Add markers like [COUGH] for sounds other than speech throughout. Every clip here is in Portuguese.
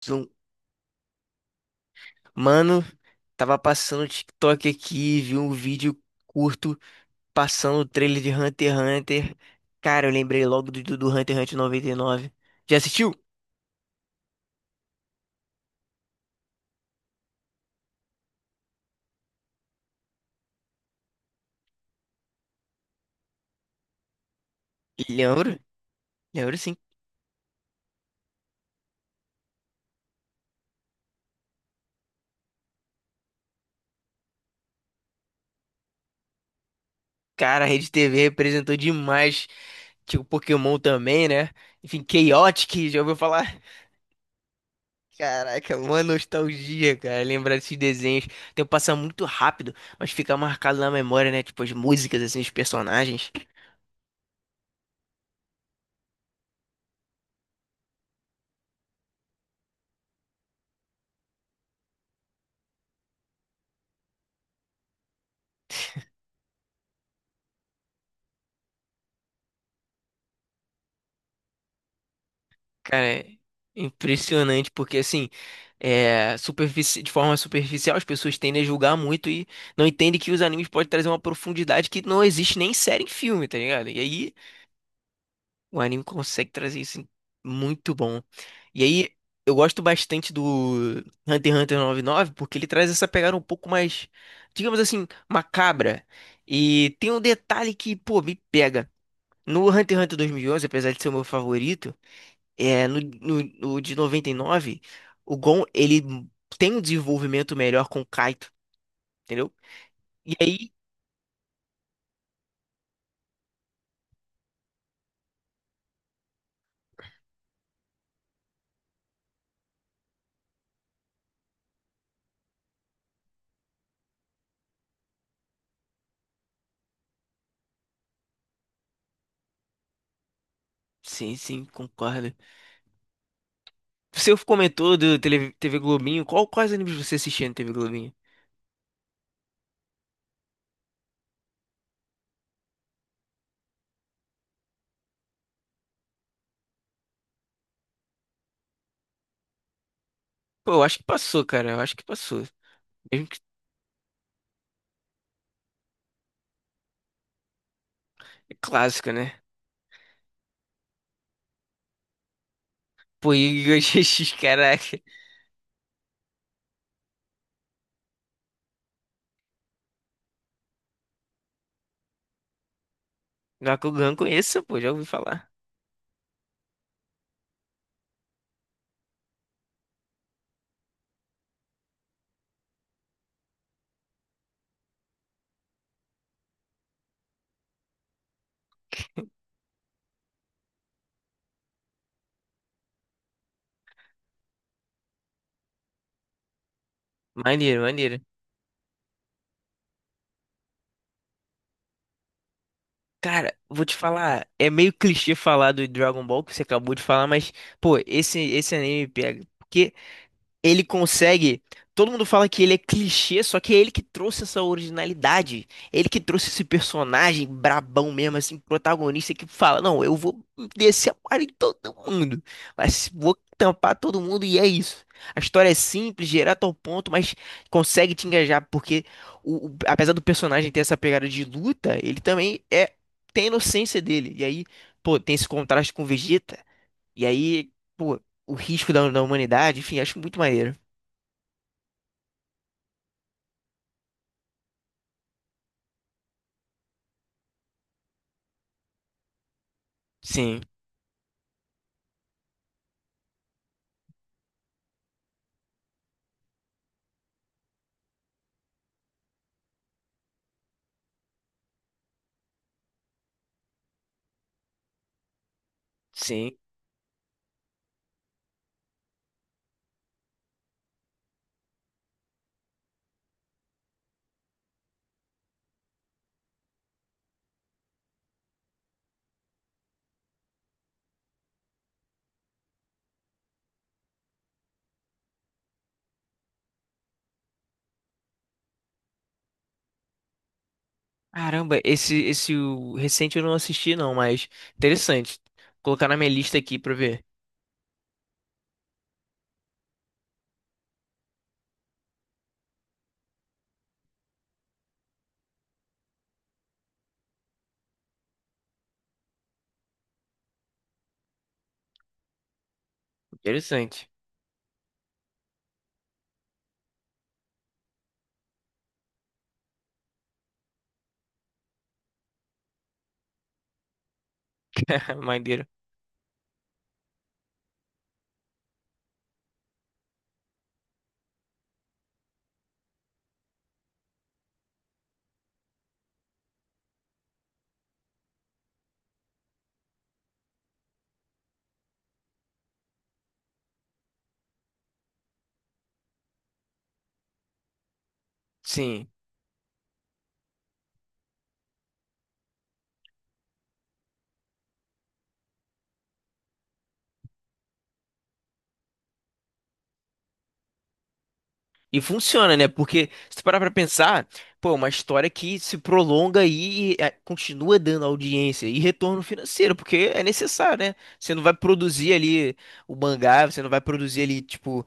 Zum- Mano, tava passando o TikTok aqui, vi um vídeo curto passando o trailer de Hunter x Hunter. Cara, eu lembrei logo do Hunter x Hunter 99. Já assistiu? Lembro, lembro sim. Cara, a Rede TV representou demais. Tipo, Pokémon também, né? Enfim, Chaotic, já ouviu falar? Caraca, uma nostalgia, cara, lembrar desses desenhos. O tempo passa muito rápido, mas fica marcado na memória, né? Tipo, as músicas, assim, os personagens. Cara, é impressionante porque assim, é, de forma superficial as pessoas tendem a julgar muito e não entendem que os animes podem trazer uma profundidade que não existe nem em série em filme, tá ligado? E aí o anime consegue trazer muito bom. E aí eu gosto bastante do Hunter x Hunter 99 porque ele traz essa pegada um pouco mais, digamos assim, macabra. E tem um detalhe que, pô, me pega. No Hunter x Hunter 2011, apesar de ser o meu favorito é, no de 99 o Gon, ele tem um desenvolvimento melhor com o Kaito, entendeu? E aí, sim, sim, concordo. Você comentou do TV Globinho, qual, quais animes você assistia na TV Globinho? Pô, eu acho que passou, cara, eu acho que passou. Mesmo que é clássica, né? Pô, Yu-Gi-Oh! GX, [LAUGHS] caraca. Bakugan conheço, pô, já ouvi falar. Maneiro, maneiro. Cara, vou te falar, é meio clichê falar do Dragon Ball que você acabou de falar, mas, pô, esse anime pega, porque ele consegue. Todo mundo fala que ele é clichê, só que é ele que trouxe essa originalidade. Ele que trouxe esse personagem brabão mesmo, assim, protagonista que fala: não, eu vou descer a parada em todo mundo, mas vou tampar todo mundo e é isso. A história é simples, direto ao ponto, mas consegue te engajar, porque apesar do personagem ter essa pegada de luta, ele também é, tem a inocência dele. E aí, pô, tem esse contraste com o Vegeta, e aí, pô, o risco da humanidade, enfim, acho muito maneiro. Sim, sim. Caramba, esse o recente eu não assisti não, mas interessante. Colocar na minha lista aqui pra ver. Interessante. [LAUGHS] Maneiro. Sim. E funciona, né? Porque se tu parar pra pensar, pô, é uma história que se prolonga aí e é, continua dando audiência e retorno financeiro, porque é necessário, né? Você não vai produzir ali o mangá, você não vai produzir ali, tipo,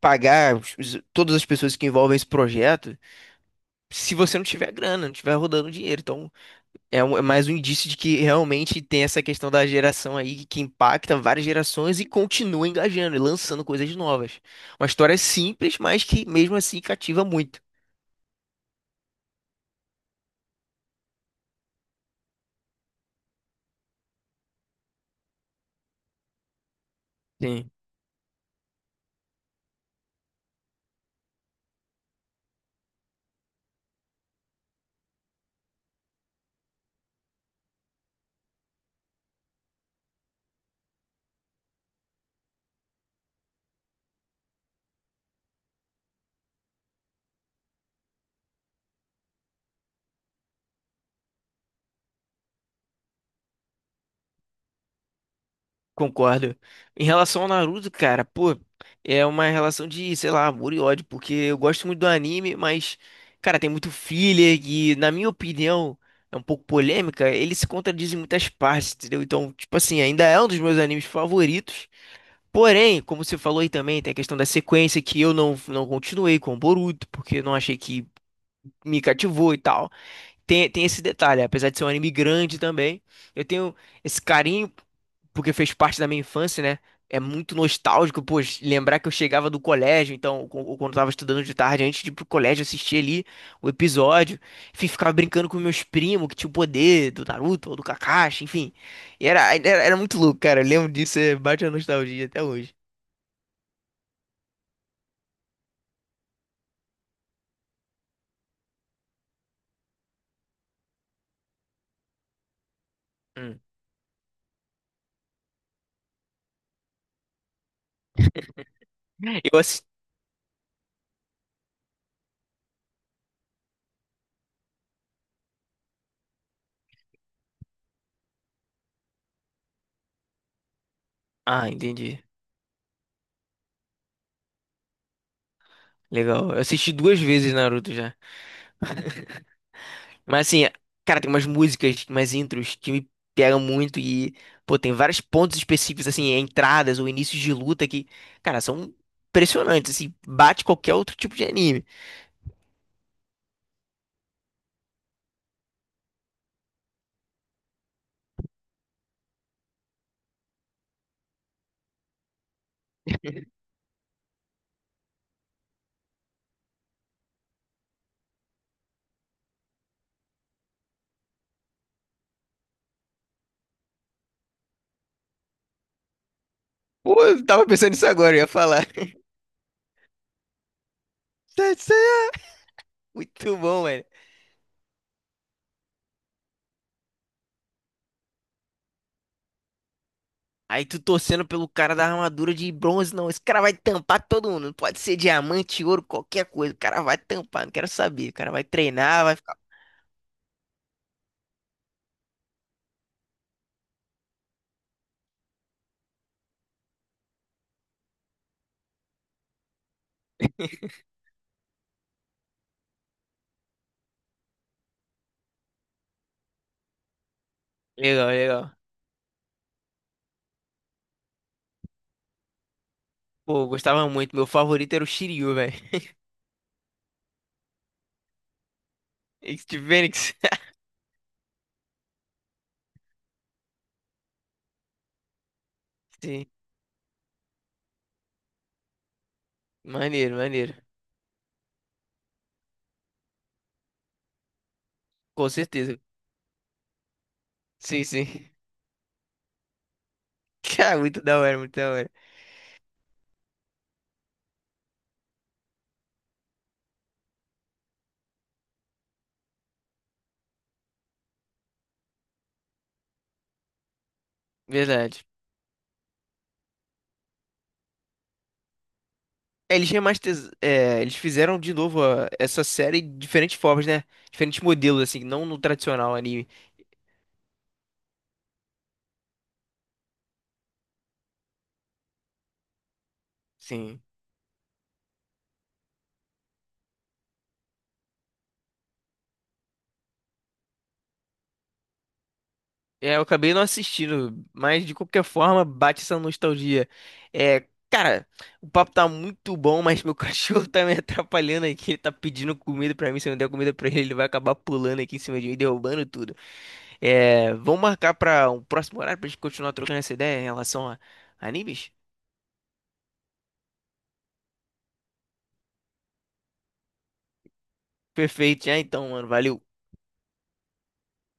pagar todas as pessoas que envolvem esse projeto se você não tiver grana, não tiver rodando dinheiro. Então, é, é mais um indício de que realmente tem essa questão da geração aí que impacta várias gerações e continua engajando e lançando coisas novas. Uma história simples, mas que mesmo assim cativa muito. Sim, concordo. Em relação ao Naruto, cara, pô, é uma relação de, sei lá, amor e ódio, porque eu gosto muito do anime, mas, cara, tem muito filler e, na minha opinião, é um pouco polêmica, ele se contradiz em muitas partes, entendeu? Então, tipo assim, ainda é um dos meus animes favoritos. Porém, como você falou aí também, tem a questão da sequência que eu não continuei com o Boruto, porque eu não achei que me cativou e tal. Tem esse detalhe, apesar de ser um anime grande também, eu tenho esse carinho, porque fez parte da minha infância, né? É muito nostálgico, pô, lembrar que eu chegava do colégio, então, ou quando eu tava estudando de tarde, antes de ir pro colégio, assistir ali o episódio. Enfim, ficava brincando com meus primos, que tinham poder do Naruto ou do Kakashi, enfim. E era muito louco, cara. Eu lembro disso, é, bate a nostalgia até hoje. Hum. Eu assisti. Ah, entendi. Legal. Eu assisti duas vezes Naruto já. Mas assim, cara, tem umas músicas, umas intros que me pegam muito e, pô, tem vários pontos específicos, assim, entradas ou inícios de luta que, cara, são impressionantes, assim, bate qualquer outro tipo de anime. Pô, eu tava pensando nisso agora, eu ia falar. [LAUGHS] Muito bom, velho. Aí tu torcendo pelo cara da armadura de bronze. Não, esse cara vai tampar todo mundo. Pode ser diamante, ouro, qualquer coisa. O cara vai tampar, não quero saber. O cara vai treinar, vai. Legal, legal. Pô, eu gostava muito. Meu favorito era o Shiryu, velho. [LAUGHS] Steve Fênix. [LAUGHS] Sim. Maneiro, maneiro. Com certeza. Sim, sim. [LAUGHS] Cara, muito da hora, muito da hora. Verdade. É, eles é, eles fizeram de novo essa série de diferentes formas, né? Diferentes modelos, assim, não no tradicional anime. Sim. É, eu acabei não assistindo, mas de qualquer forma bate essa nostalgia. É, cara, o papo tá muito bom, mas meu [LAUGHS] cachorro tá me atrapalhando aqui. Ele tá pedindo comida pra mim. Se eu não der comida pra ele, ele vai acabar pulando aqui em cima de mim, derrubando tudo. É, vamos marcar pra um próximo horário pra gente continuar trocando essa ideia em relação a animes? Perfeito, já então, mano. Valeu.